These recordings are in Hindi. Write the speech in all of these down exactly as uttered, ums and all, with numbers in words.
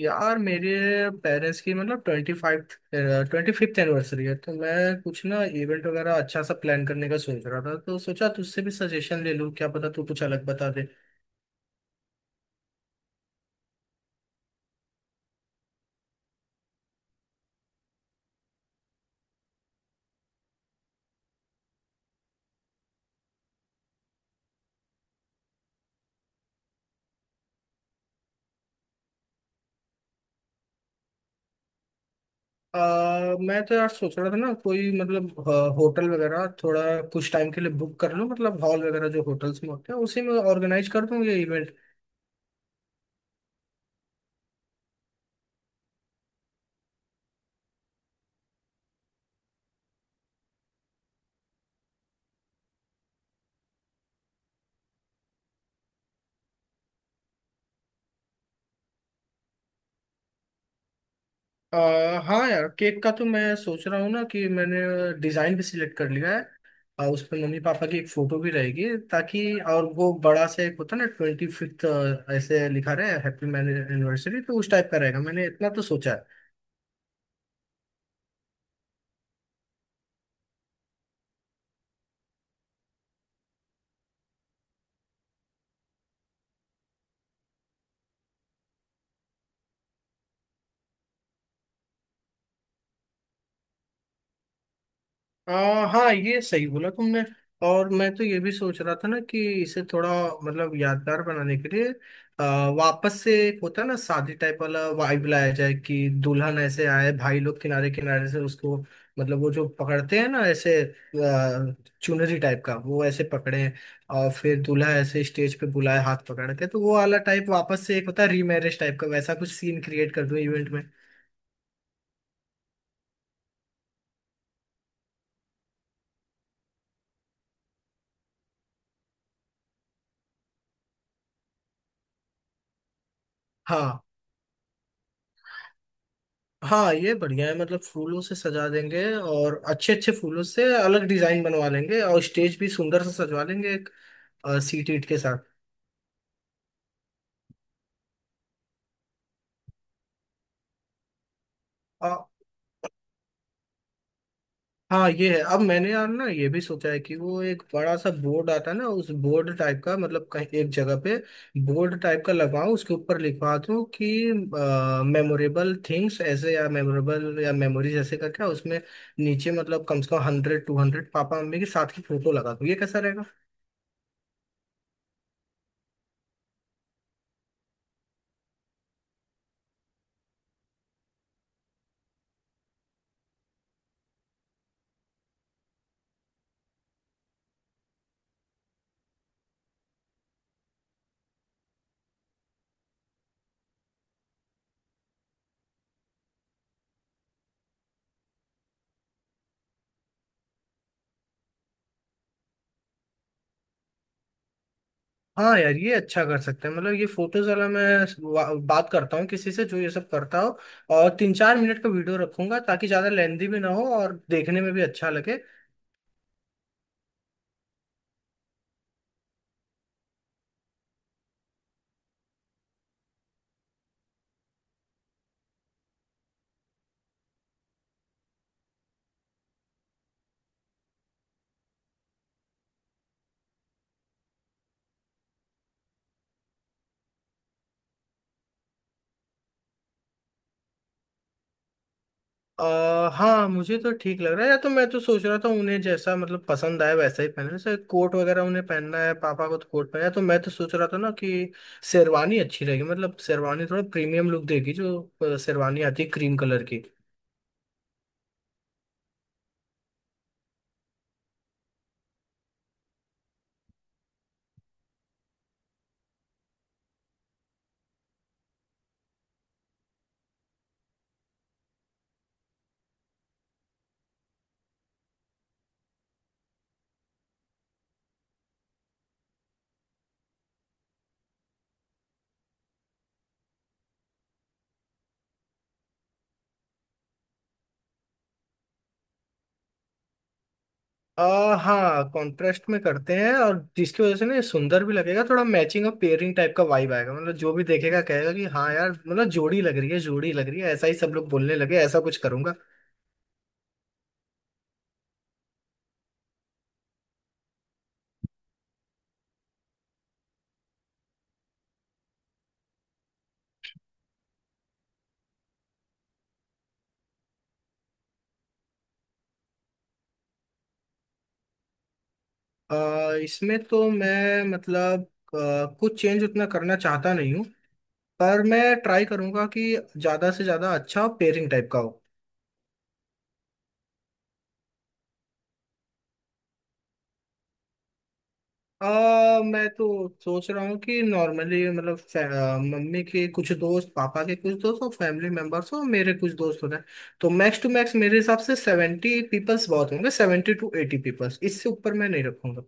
यार मेरे पेरेंट्स की मतलब twenty five twenty fifth anniversary है। तो मैं कुछ ना इवेंट वगैरह अच्छा सा प्लान करने का सोच रहा था, तो सोचा तुझसे भी सजेशन ले लूँ, क्या पता तू कुछ अलग बता दे। आ, मैं तो यार सोच रहा था ना, कोई मतलब होटल वगैरह थोड़ा कुछ टाइम के लिए बुक कर लूँ, मतलब हॉल वगैरह जो होटल्स में होते हैं उसी में ऑर्गेनाइज कर दूँ ये इवेंट। अ, हाँ यार, केक का तो मैं सोच रहा हूँ ना कि मैंने डिजाइन भी सिलेक्ट कर लिया है। अ, उस पर मम्मी पापा की एक फोटो भी रहेगी ताकि, और वो बड़ा सा एक होता है ना ट्वेंटी फिफ्थ, ऐसे लिखा रहे हैप्पी मैरिज एनिवर्सरी, तो उस टाइप का रहेगा, मैंने इतना तो सोचा। आ, हाँ, ये सही बोला तुमने। और मैं तो ये भी सोच रहा था ना कि इसे थोड़ा, मतलब यादगार बनाने के लिए, आ, वापस से एक होता है ना शादी टाइप वाला वाइब लाया जाए, कि दुल्हन ऐसे आए, भाई लोग किनारे किनारे से उसको, मतलब वो जो पकड़ते हैं ना ऐसे, आ, चुनरी टाइप का, वो ऐसे पकड़े, और फिर दूल्हा ऐसे स्टेज पे बुलाए हाथ पकड़ के। तो वो वाला टाइप, वापस से एक होता है रीमैरिज टाइप का, वैसा कुछ सीन क्रिएट कर दूं इवेंट में। हाँ। हाँ ये बढ़िया है, मतलब फूलों से सजा देंगे, और अच्छे अच्छे फूलों से अलग डिजाइन बनवा लेंगे, और स्टेज भी सुंदर से सजवा लेंगे, एक सीट ईट के साथ। आ, हाँ ये है। अब मैंने यार ना ये भी सोचा है कि वो एक बड़ा सा बोर्ड आता है ना, उस बोर्ड टाइप का, मतलब कहीं एक जगह पे बोर्ड टाइप का लगाऊं, उसके ऊपर लिखवा दूं कि मेमोरेबल थिंग्स ऐसे, या मेमोरेबल, या मेमोरीज, ऐसे करके उसमें नीचे मतलब कम से कम हंड्रेड टू हंड्रेड पापा मम्मी के साथ की फोटो लगा दूं। ये कैसा? हाँ यार, ये अच्छा कर सकते हैं। मतलब ये फोटोज वाला मैं वा- बात करता हूँ किसी से जो ये सब करता हो। और तीन चार मिनट का वीडियो रखूंगा, ताकि ज्यादा लेंदी भी ना हो और देखने में भी अच्छा लगे। आ, हाँ, मुझे तो ठीक लग रहा है। या तो मैं तो सोच रहा था उन्हें जैसा मतलब पसंद आए वैसा ही पहने, जैसे कोट वगैरह उन्हें पहनना है, पापा को तो कोट पहना है, तो मैं तो सोच रहा था ना कि शेरवानी अच्छी रहेगी, मतलब शेरवानी थोड़ा प्रीमियम लुक देगी, जो अ, शेरवानी आती है क्रीम कलर की। आ, हाँ, कॉन्ट्रास्ट में करते हैं, और जिसकी वजह से ना ये सुंदर भी लगेगा, थोड़ा मैचिंग और पेयरिंग टाइप का वाइब आएगा, मतलब जो भी देखेगा कहेगा कि हाँ यार, मतलब जोड़ी लग रही है, जोड़ी लग रही है, ऐसा ही सब लोग बोलने लगे, ऐसा कुछ करूंगा। आ, इसमें तो मैं मतलब आ, कुछ चेंज उतना करना चाहता नहीं हूँ, पर मैं ट्राई करूंगा कि ज्यादा से ज्यादा अच्छा पेयरिंग टाइप का हो। आ, मैं तो सोच रहा हूँ कि नॉर्मली, मतलब फै- अ, मम्मी के कुछ दोस्त, पापा के कुछ दोस्त, और फैमिली मेंबर्स और मेरे कुछ दोस्त हो रहे हैं। तो मैक्स टू मैक्स मेरे हिसाब से सेवेंटी पीपल्स बहुत होंगे, सेवेंटी टू एटी पीपल्स, इससे ऊपर मैं नहीं रखूंगा।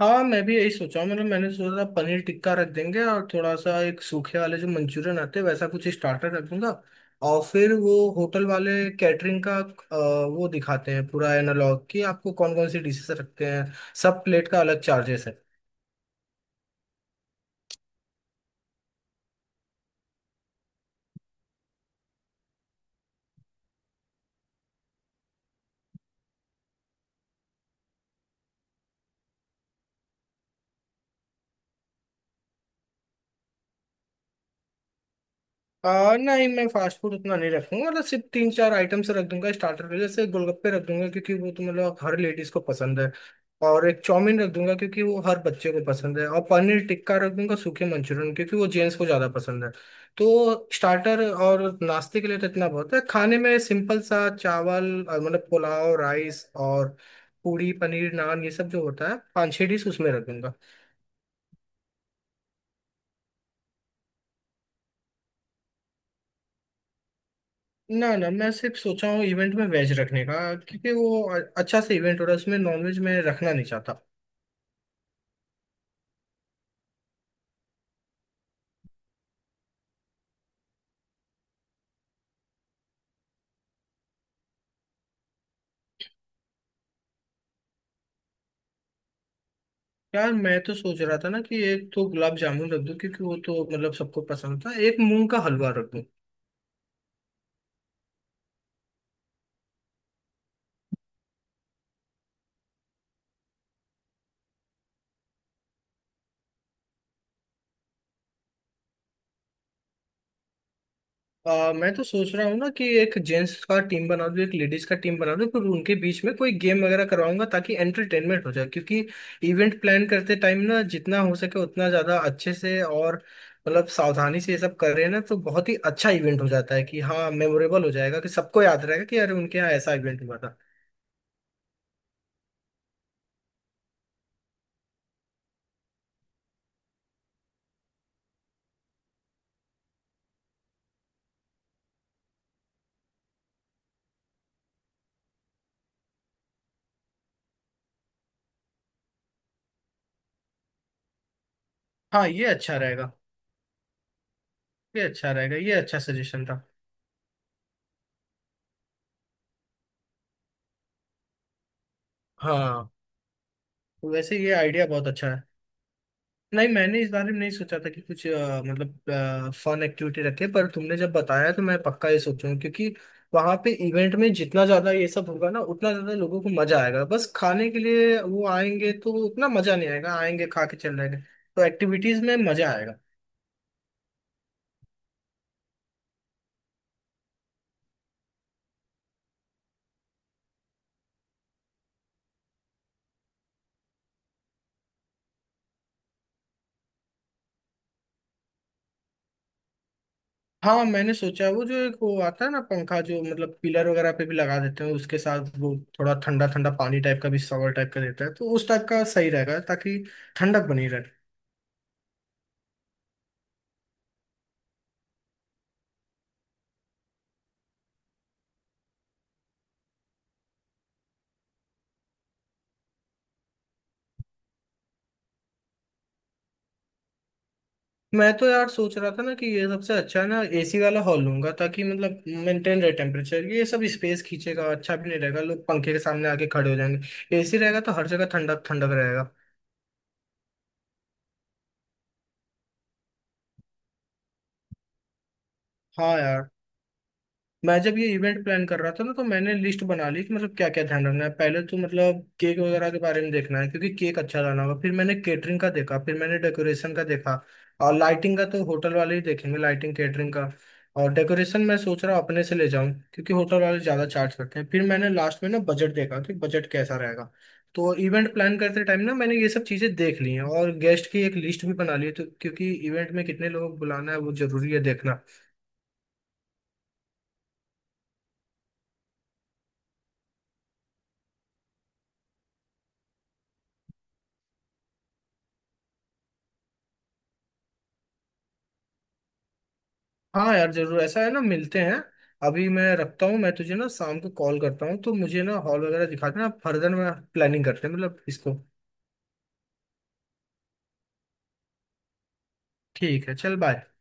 हाँ, मैं भी यही सोचा हूँ। मतलब मैंने सोचा था पनीर टिक्का रख देंगे, और थोड़ा सा एक सूखे वाले जो मंचूरियन आते हैं वैसा कुछ स्टार्टर रख दूंगा। और फिर वो होटल वाले कैटरिंग का अ, वो दिखाते हैं पूरा एनालॉग कि आपको कौन कौन सी डिशेस रखते हैं, सब प्लेट का अलग चार्जेस है। आ, नहीं, मैं फास्ट फूड उतना नहीं रखूंगा, मतलब सिर्फ तीन चार आइटम से रख दूंगा स्टार्टर में, जैसे गोलगप्पे रख दूंगा क्योंकि वो तो मतलब हर लेडीज को पसंद है, और एक चाउमीन रख दूंगा क्योंकि वो हर बच्चे को पसंद है, और पनीर टिक्का रख दूंगा, सूखे मंचूरियन, क्योंकि वो जेंट्स को ज्यादा पसंद है। तो स्टार्टर और नाश्ते के लिए तो इतना बहुत है। खाने में सिंपल सा चावल, और मतलब पुलाव राइस, और पूड़ी, पनीर, नान, ये सब जो होता है पाँच छः डिश उसमें रख दूंगा। ना ना, मैं सिर्फ सोचा हूँ इवेंट में वेज रखने का, क्योंकि वो अ- अच्छा सा इवेंट हो रहा है, उसमें नॉनवेज मैं रखना नहीं चाहता। यार मैं तो सोच रहा था ना कि एक तो गुलाब जामुन रख दूँ क्योंकि वो तो मतलब सबको पसंद था, एक मूंग का हलवा रख दूँ। आ, मैं तो सोच रहा हूँ ना कि एक जेंट्स का टीम बना दूँ, एक लेडीज का टीम बना दूँ, फिर उनके बीच में कोई गेम वगैरह करवाऊंगा, ताकि एंटरटेनमेंट हो जाए। क्योंकि इवेंट प्लान करते टाइम ना, जितना हो सके उतना ज्यादा अच्छे से और मतलब सावधानी से ये सब कर रहे हैं ना, तो बहुत ही अच्छा इवेंट हो जाता है, कि हाँ मेमोरेबल हो जाएगा, कि सबको याद रहेगा कि अरे उनके यहाँ ऐसा इवेंट हुआ था। हाँ ये अच्छा रहेगा। ये अच्छा रहेगा, ये अच्छा सजेशन था। हाँ, तो वैसे ये आइडिया बहुत अच्छा है। नहीं, मैंने इस बारे में नहीं सोचा था कि कुछ अ, मतलब फन एक्टिविटी रखे, पर तुमने जब बताया तो मैं पक्का ये सोचूंगा, क्योंकि वहां पे इवेंट में जितना ज्यादा ये सब होगा ना उतना ज्यादा लोगों को मजा आएगा, बस खाने के लिए वो आएंगे तो उतना मजा नहीं आएगा, आएंगे खा के चल जाएंगे, तो एक्टिविटीज में मजा आएगा। हाँ, मैंने सोचा है, वो जो एक वो आता है ना पंखा, जो मतलब पिलर वगैरह पे भी लगा देते हैं, उसके साथ वो थोड़ा ठंडा ठंडा पानी टाइप का भी सवर टाइप का देता है, तो उस टाइप का सही रहेगा, ताकि ठंडक बनी रहे। मैं तो यार सोच रहा था ना कि ये सबसे अच्छा है ना, एसी वाला हॉल लूंगा, ताकि मतलब मेंटेन रहे टेम्परेचर। ये सब स्पेस खींचेगा, अच्छा भी नहीं रहेगा, लोग पंखे के सामने आके खड़े हो जाएंगे। एसी रहेगा तो हर जगह ठंडक ठंडक रहेगा। हाँ यार, मैं जब ये इवेंट प्लान कर रहा था ना तो मैंने लिस्ट बना ली कि मतलब क्या क्या ध्यान रखना है, पहले तो मतलब केक वगैरह के बारे में देखना है क्योंकि केक अच्छा लाना होगा, फिर मैंने केटरिंग का देखा, फिर मैंने डेकोरेशन का देखा, और लाइटिंग का तो होटल वाले ही देखेंगे, लाइटिंग केटरिंग का, और डेकोरेशन मैं सोच रहा हूँ अपने से ले जाऊँ क्योंकि होटल वाले ज़्यादा चार्ज करते हैं, फिर मैंने लास्ट में ना बजट देखा कि बजट कैसा रहेगा। तो इवेंट प्लान करते टाइम ना मैंने ये सब चीज़ें देख ली हैं, और गेस्ट की एक लिस्ट भी बना ली है, तो क्योंकि इवेंट में कितने लोग बुलाना है वो ज़रूरी है देखना। हाँ यार जरूर। ऐसा है ना, मिलते हैं। अभी मैं रखता हूँ, मैं तुझे ना शाम को कॉल करता हूँ, तो मुझे ना हॉल वगैरह दिखा देना, फर्दर मैं प्लानिंग करते हैं, मतलब इसको। ठीक है, चल बाय।